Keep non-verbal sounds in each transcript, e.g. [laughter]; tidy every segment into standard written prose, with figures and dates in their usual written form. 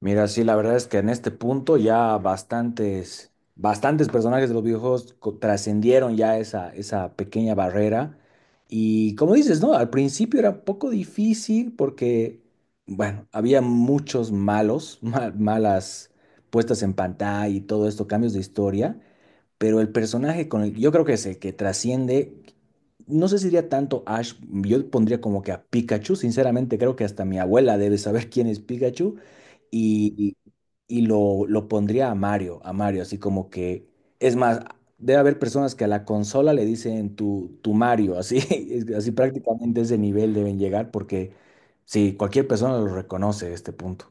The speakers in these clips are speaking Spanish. Mira, sí, la verdad es que en este punto ya bastantes personajes de los videojuegos trascendieron ya esa pequeña barrera. Y como dices, ¿no? Al principio era un poco difícil porque, bueno, había muchos malos, [laughs] malas puestas en pantalla y todo esto, cambios de historia, pero el personaje con el que yo creo que es el que trasciende, no sé si diría tanto Ash, yo pondría como que a Pikachu. Sinceramente creo que hasta mi abuela debe saber [laughs] quién es Pikachu, y, y- y lo pondría a Mario, así como que, es más, debe haber personas que a la consola le dicen tu Mario, así, [laughs] así prácticamente ese nivel deben llegar porque sí, cualquier persona lo reconoce a este punto.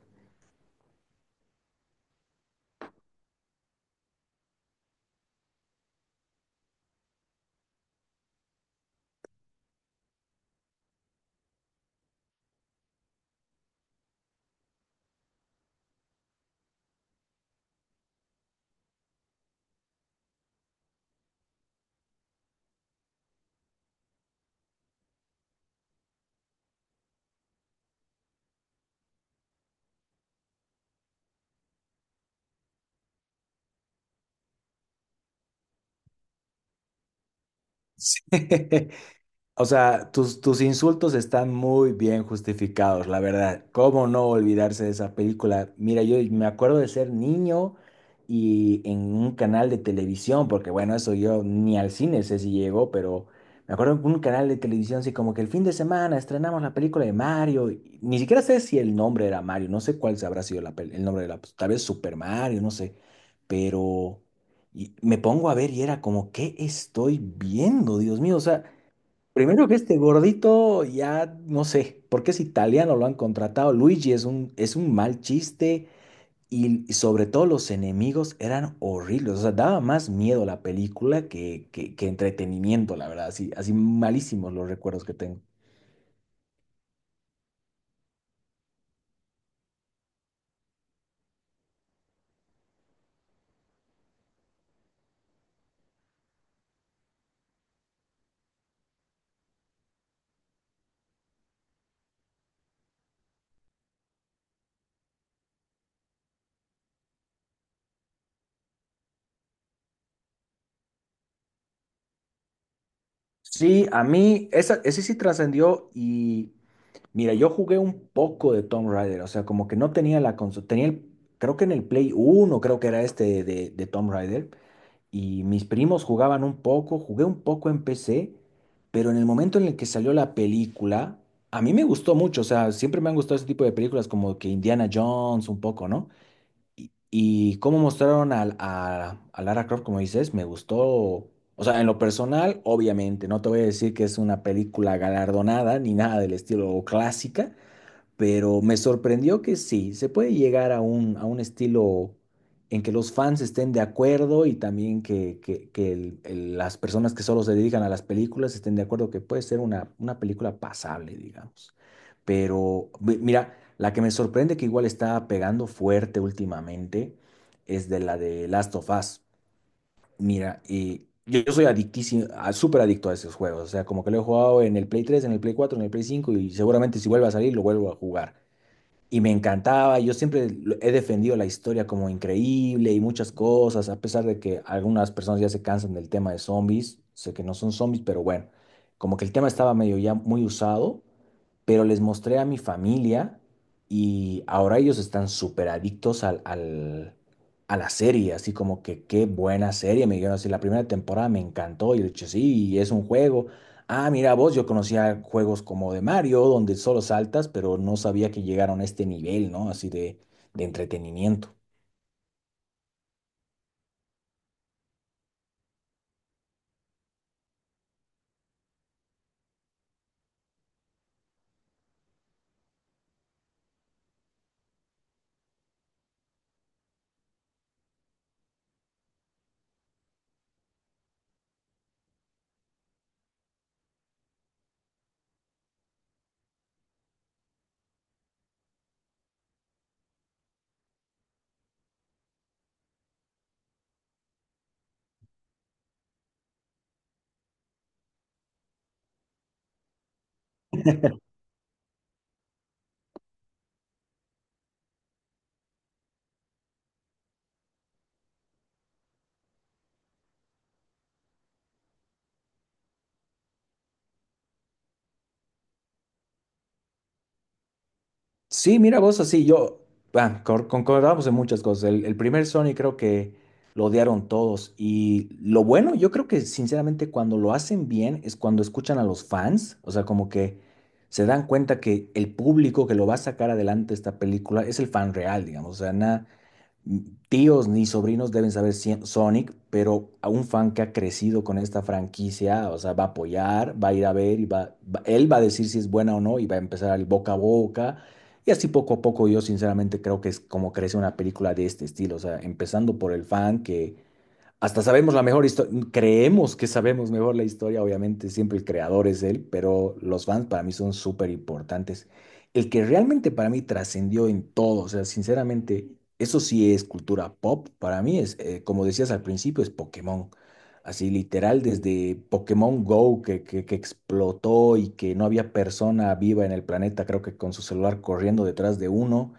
[laughs] Sí. O sea, tus insultos están muy bien justificados, la verdad. ¿Cómo no olvidarse de esa película? Mira, yo me acuerdo de ser niño y en un canal de televisión, porque bueno, eso yo ni al cine sé si llegó, pero me acuerdo en un canal de televisión, así como que el fin de semana estrenamos la película de Mario. Y ni siquiera sé si el nombre era Mario, no sé cuál se habrá sido el nombre de la, pues, tal vez Super Mario, no sé, pero... Y me pongo a ver y era como, ¿qué estoy viendo? Dios mío, o sea, primero que este gordito, ya no sé, porque es italiano, lo han contratado. Luigi es un mal chiste y sobre todo los enemigos eran horribles. O sea, daba más miedo la película que entretenimiento, la verdad. Así, así malísimos los recuerdos que tengo. Sí, a mí esa, ese sí trascendió y mira, yo jugué un poco de Tomb Raider, o sea, como que no tenía la consola, tenía el, creo que en el Play uno creo que era este de Tomb Raider. Y mis primos jugaban un poco, jugué un poco en PC, pero en el momento en el que salió la película, a mí me gustó mucho. O sea, siempre me han gustado ese tipo de películas como que Indiana Jones un poco, ¿no? Y cómo mostraron a Lara Croft, como dices, me gustó. O sea, en lo personal, obviamente, no te voy a decir que es una película galardonada ni nada del estilo o clásica, pero me sorprendió que sí, se puede llegar a un estilo en que los fans estén de acuerdo y también que, las personas que solo se dedican a las películas estén de acuerdo que puede ser una película pasable, digamos. Pero mira, la que me sorprende que igual está pegando fuerte últimamente es de la de Last of Us. Mira, y yo soy adictísimo, súper adicto a esos juegos. O sea, como que lo he jugado en el Play 3, en el Play 4, en el Play 5, y seguramente si vuelve a salir lo vuelvo a jugar y me encantaba. Yo siempre he defendido la historia como increíble y muchas cosas, a pesar de que algunas personas ya se cansan del tema de zombies. Sé que no son zombies, pero bueno, como que el tema estaba medio ya muy usado, pero les mostré a mi familia y ahora ellos están súper adictos a la serie, así como que qué buena serie, me dijeron así, la primera temporada me encantó y yo le dije, sí, es un juego. Ah, mira vos, yo conocía juegos como de Mario, donde solo saltas, pero no sabía que llegaron a este nivel, ¿no? Así de entretenimiento. Sí, mira vos, así yo, ah, concordamos en muchas cosas. El primer Sony creo que lo odiaron todos. Y lo bueno, yo creo que sinceramente cuando lo hacen bien es cuando escuchan a los fans. O sea, como que se dan cuenta que el público que lo va a sacar adelante esta película es el fan real, digamos. O sea, nada, tíos ni sobrinos deben saber Sonic, pero a un fan que ha crecido con esta franquicia, o sea, va a apoyar, va a ir a ver y él va a decir si es buena o no y va a empezar el boca a boca. Y así poco a poco yo sinceramente creo que es como crece una película de este estilo, o sea, empezando por el fan que hasta sabemos la mejor historia, creemos que sabemos mejor la historia. Obviamente siempre el creador es él, pero los fans para mí son súper importantes. El que realmente para mí trascendió en todo, o sea, sinceramente, eso sí es cultura pop, para mí es, como decías al principio, es Pokémon. Así literal, desde Pokémon Go que, que explotó y que no había persona viva en el planeta, creo que con su celular corriendo detrás de uno.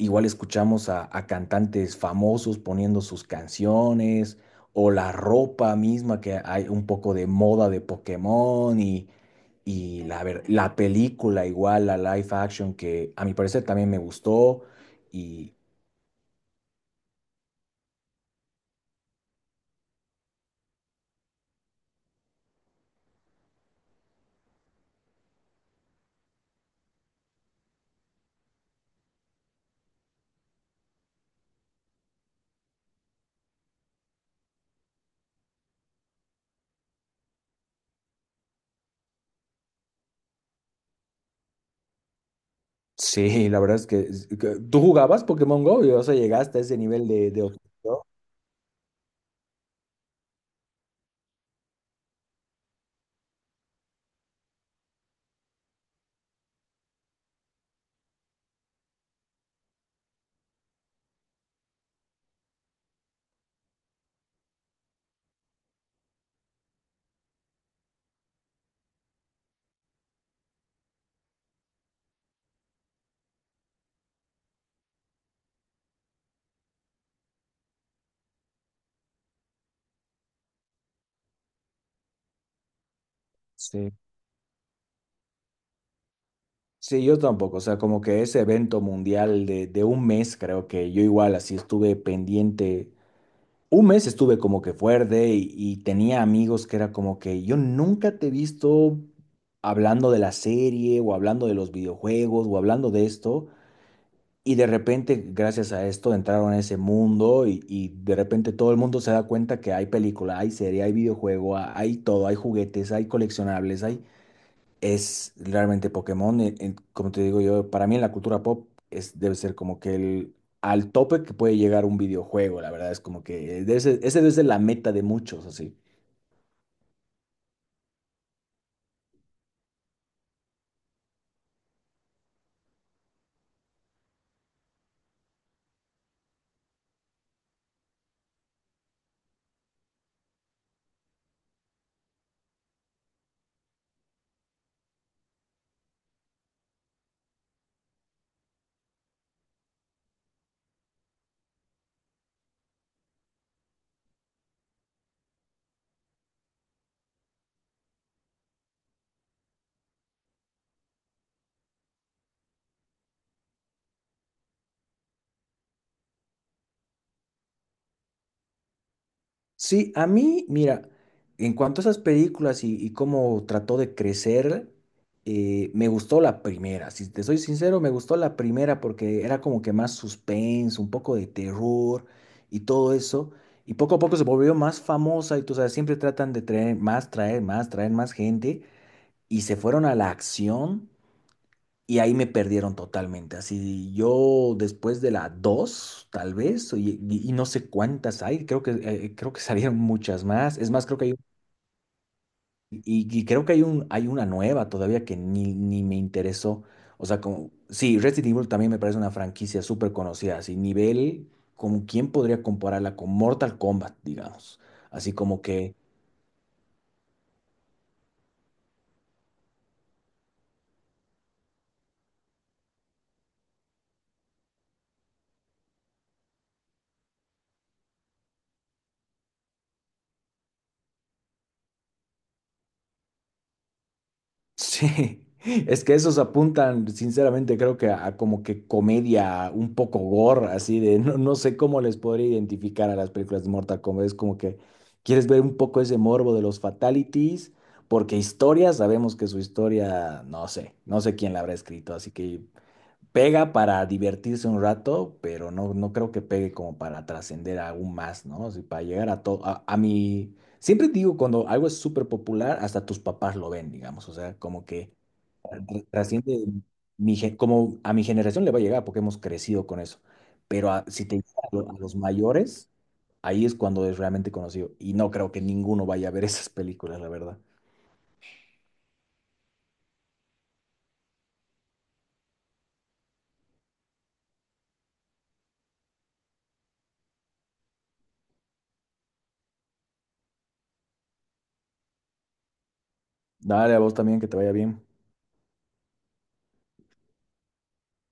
Igual escuchamos a cantantes famosos poniendo sus canciones o la ropa misma, que hay un poco de moda de Pokémon y la, la película igual, la live action, que a mi parecer también me gustó. Y sí, la verdad es que tú jugabas Pokémon Go y o sea, llegaste a ese nivel de obsesión. Sí. Sí, yo tampoco, o sea, como que ese evento mundial de un mes, creo que yo igual así estuve pendiente. Un mes estuve como que fuerte y tenía amigos que era como que yo nunca te he visto hablando de la serie o hablando de los videojuegos o hablando de esto. Y de repente, gracias a esto, entraron a ese mundo y de repente todo el mundo se da cuenta que hay película, hay serie, hay videojuego, hay todo, hay juguetes, hay coleccionables, hay, es realmente Pokémon. Como te digo yo, para mí en la cultura pop es, debe ser como que el al tope que puede llegar un videojuego, la verdad es como que ese debe ser la meta de muchos, así. Sí, a mí, mira, en cuanto a esas películas y cómo trató de crecer, me gustó la primera. Si te soy sincero, me gustó la primera porque era como que más suspense, un poco de terror y todo eso. Y poco a poco se volvió más famosa y tú sabes, siempre tratan de traer más, traer más, traer más gente. Y se fueron a la acción y ahí me perdieron totalmente. Así yo después de la 2 tal vez, y, y no sé cuántas hay, creo que [laughs] salieron muchas más. Es más, creo que hay, y creo que hay, un, hay una nueva todavía que ni, ni me interesó. O sea, como, sí, Resident Evil también me parece una franquicia súper conocida, así nivel, como quién podría compararla con Mortal Kombat, digamos. Así como que sí, [laughs] es que esos apuntan, sinceramente, creo que a como que comedia, un poco gore, así de, no, no sé cómo les podría identificar a las películas de Mortal Kombat. Es como que quieres ver un poco ese morbo de los fatalities, porque historia, sabemos que su historia, no sé, no sé quién la habrá escrito, así que pega para divertirse un rato, pero no, no creo que pegue como para trascender aún más, ¿no? O sea, para llegar a todo, a mi... Siempre digo, cuando algo es súper popular, hasta tus papás lo ven, digamos, o sea, como que trasciende, mi, como a mi generación le va a llegar porque hemos crecido con eso, pero si te llega a, a los mayores, ahí es cuando es realmente conocido, y no creo que ninguno vaya a ver [laughs] esas películas, la verdad. Dale, a vos también, que te vaya bien.